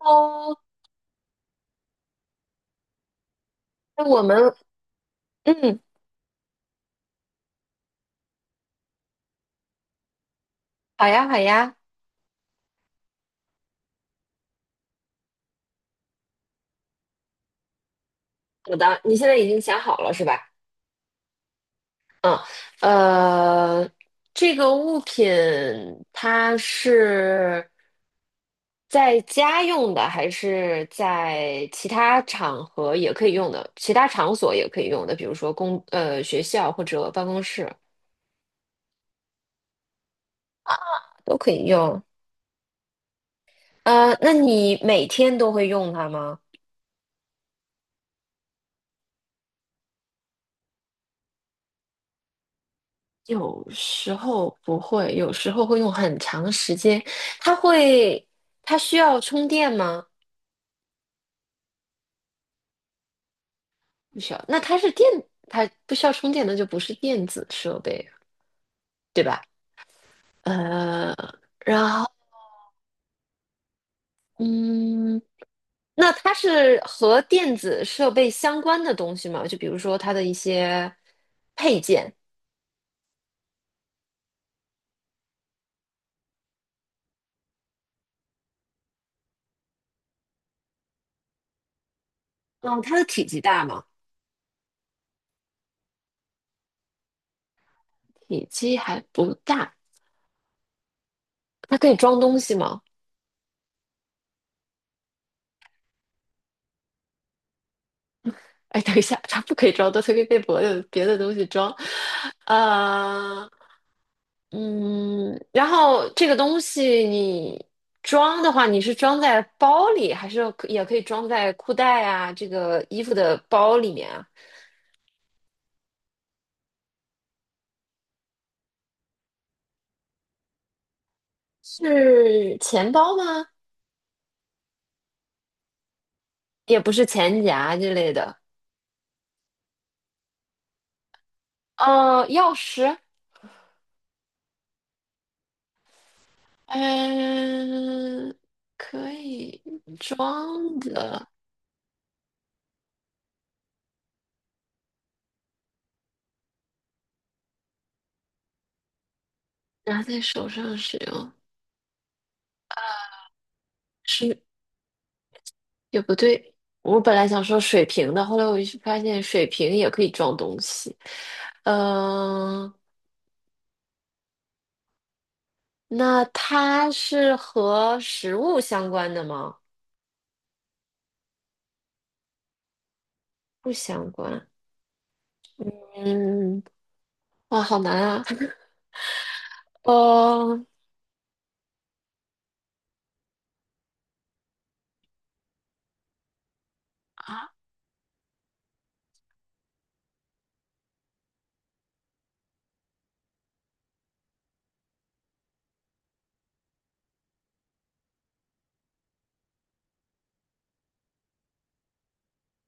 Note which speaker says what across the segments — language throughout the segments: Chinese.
Speaker 1: 哦，那我们嗯，好呀，好呀。好的，你现在已经想好了是吧？嗯，呃，这个物品它是在家用的，还是在其他场合也可以用的？其他场所也可以用的，比如说学校或者办公室都可以用。那你每天都会用它吗？有时候不会，有时候会用很长时间。它会，它需要充电吗？不需要。那它是电，它不需要充电，那就不是电子设备，对吧？呃，然后，嗯，那它是和电子设备相关的东西吗？就比如说它的一些配件。嗯，它的体积大吗？体积还不大，它可以装东西吗？哎，等一下，它不可以装多，都可以被别的东西装。呃，嗯，然后这个东西你装的话，你是装在包里，还是可也可以装在裤袋啊，这个衣服的包里面啊？是钱包吗？也不是钱夹之类的。钥匙，嗯、可以装的，拿在手上使用，是也不对，我本来想说水瓶的，后来我就发现水瓶也可以装东西。嗯、那它是和食物相关的吗？不相关。嗯，哇，好难啊。哦，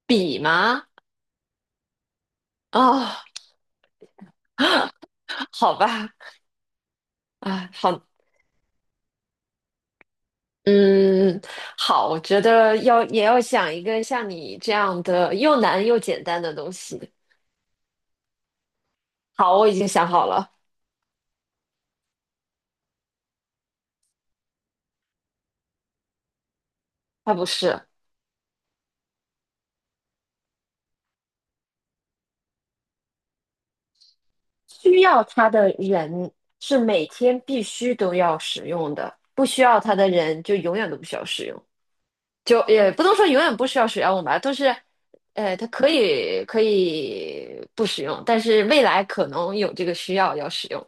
Speaker 1: 笔吗？哦，好吧。啊，好，嗯，好，我觉得要也要想一个像你这样的又难又简单的东西。好，我已经想好了。它不是。需要它的人是每天必须都要使用的，不需要它的人就永远都不需要使用，就也不能说永远不需要使用吧，都是，它可以不使用，但是未来可能有这个需要要使用。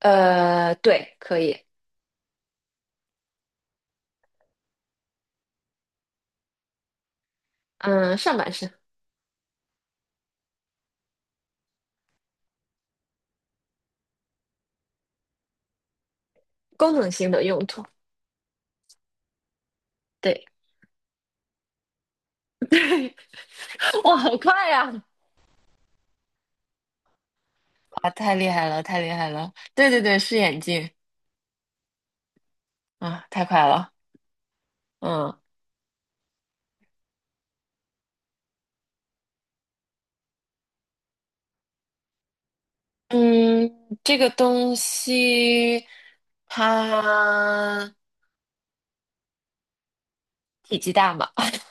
Speaker 1: 对，可以。嗯，上半身。功能性的用途。对，哇，好快呀！啊，太厉害了，太厉害了！对对对，是眼镜。啊，太快了。嗯。嗯，这个东西它体积大吗？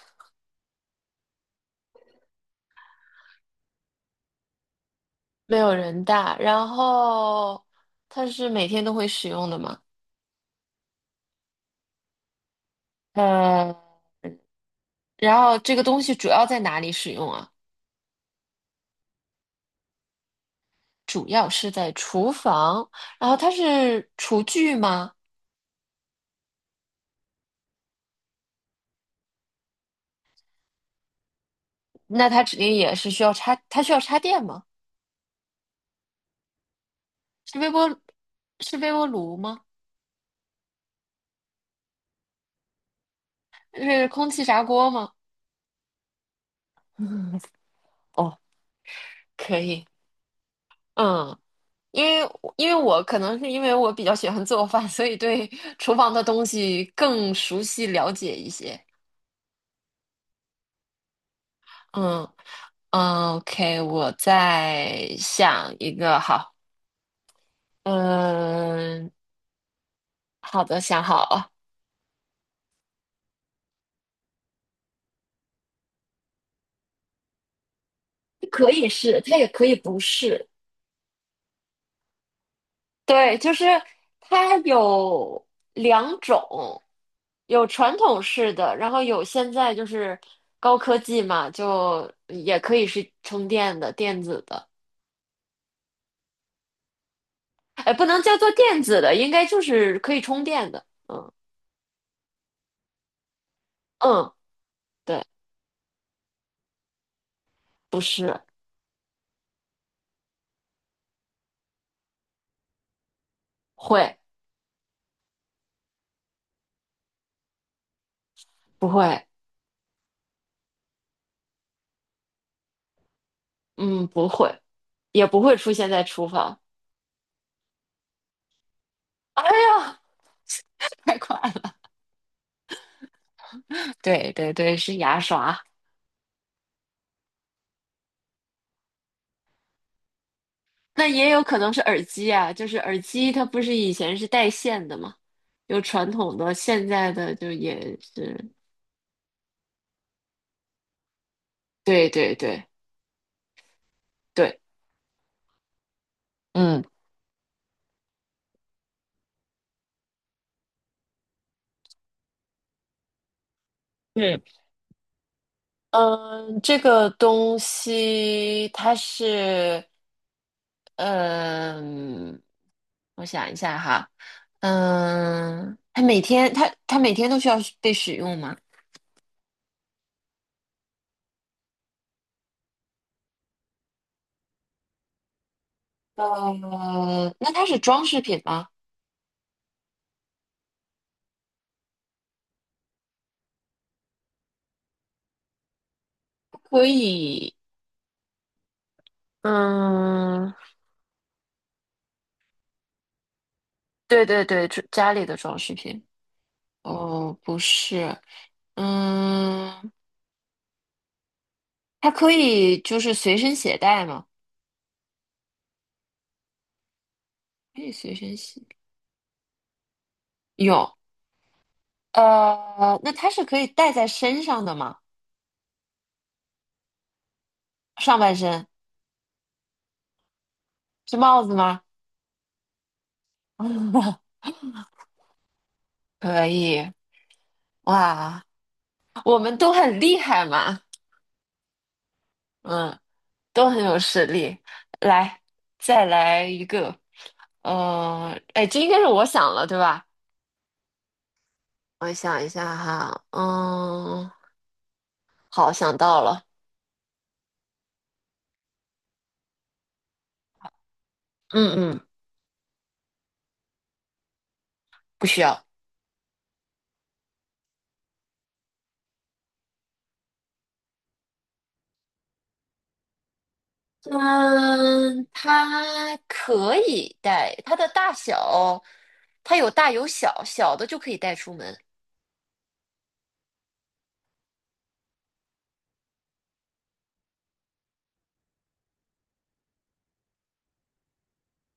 Speaker 1: 没有人大，然后它是每天都会使用的吗？呃，然后这个东西主要在哪里使用啊？主要是在厨房，然后它是厨具吗？那它指定也是需要插，它需要插电吗？是微波，是微波炉吗？是空气炸锅吗？哦，可以。嗯。因为因为我可能是因为我比较喜欢做饭，所以对厨房的东西更熟悉了解一些。嗯嗯，OK,我再想一个，好，嗯，好的，想好了。可以是，它也可以不是。对，就是它有两种，有传统式的，然后有现在就是高科技嘛，就也可以是充电的、电子的。哎，不能叫做电子的，应该就是可以充电的。嗯嗯，对。不是。会。不会？嗯，不会，也不会出现在厨房。哎呀，太快了！对对对，是牙刷。那也有可能是耳机啊，就是耳机它不是以前是带线的嘛，有传统的，现在的就也是。对对对对。嗯。对。嗯，这个东西它是，嗯，我想一下哈，嗯，它每天都需要被使用吗？那它是装饰品吗？可以。嗯，对对对，这家里的装饰品。哦，不是。嗯，它可以就是随身携带吗？可以随身携。有。那它是可以戴在身上的吗？上半身。是帽子吗？可以。哇，我们都很厉害嘛。嗯，都很有实力。来，再来一个。哎，这应该是我想了，对吧？我想一下哈，嗯，好，想到了。嗯嗯，不需要。嗯，它可以戴，它的大小，它有大有小，小的就可以带出门。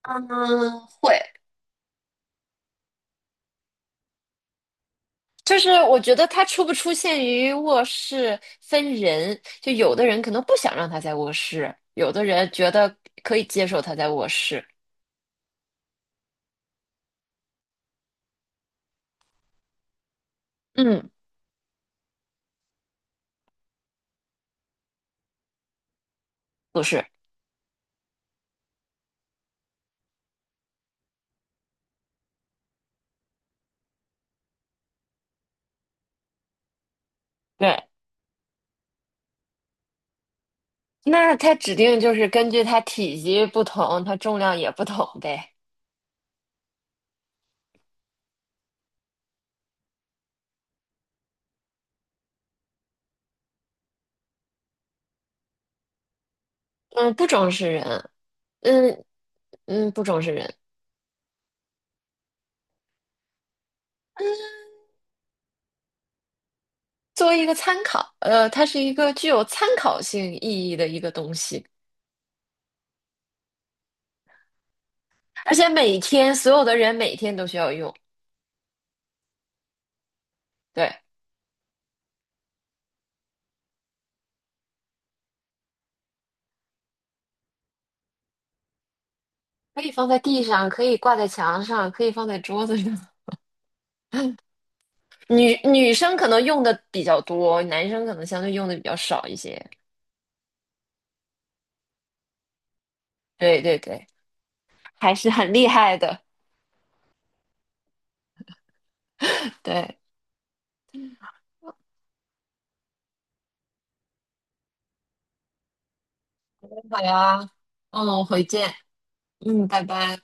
Speaker 1: 嗯，会，就是我觉得它出不出现于卧室分人，就有的人可能不想让它在卧室，有的人觉得可以接受它在卧室。嗯，不是。对，那它指定就是根据它体积不同，它重量也不同呗。嗯，不装饰人，嗯嗯，不装饰人。作为一个参考，它是一个具有参考性意义的一个东西，而且每天所有的人每天都需要用，对。可以放在地上，可以挂在墙上，可以放在桌子上。女生可能用的比较多，男生可能相对用的比较少一些。对对对，还是很厉害的。对。好呀，嗯，回见，嗯，拜拜。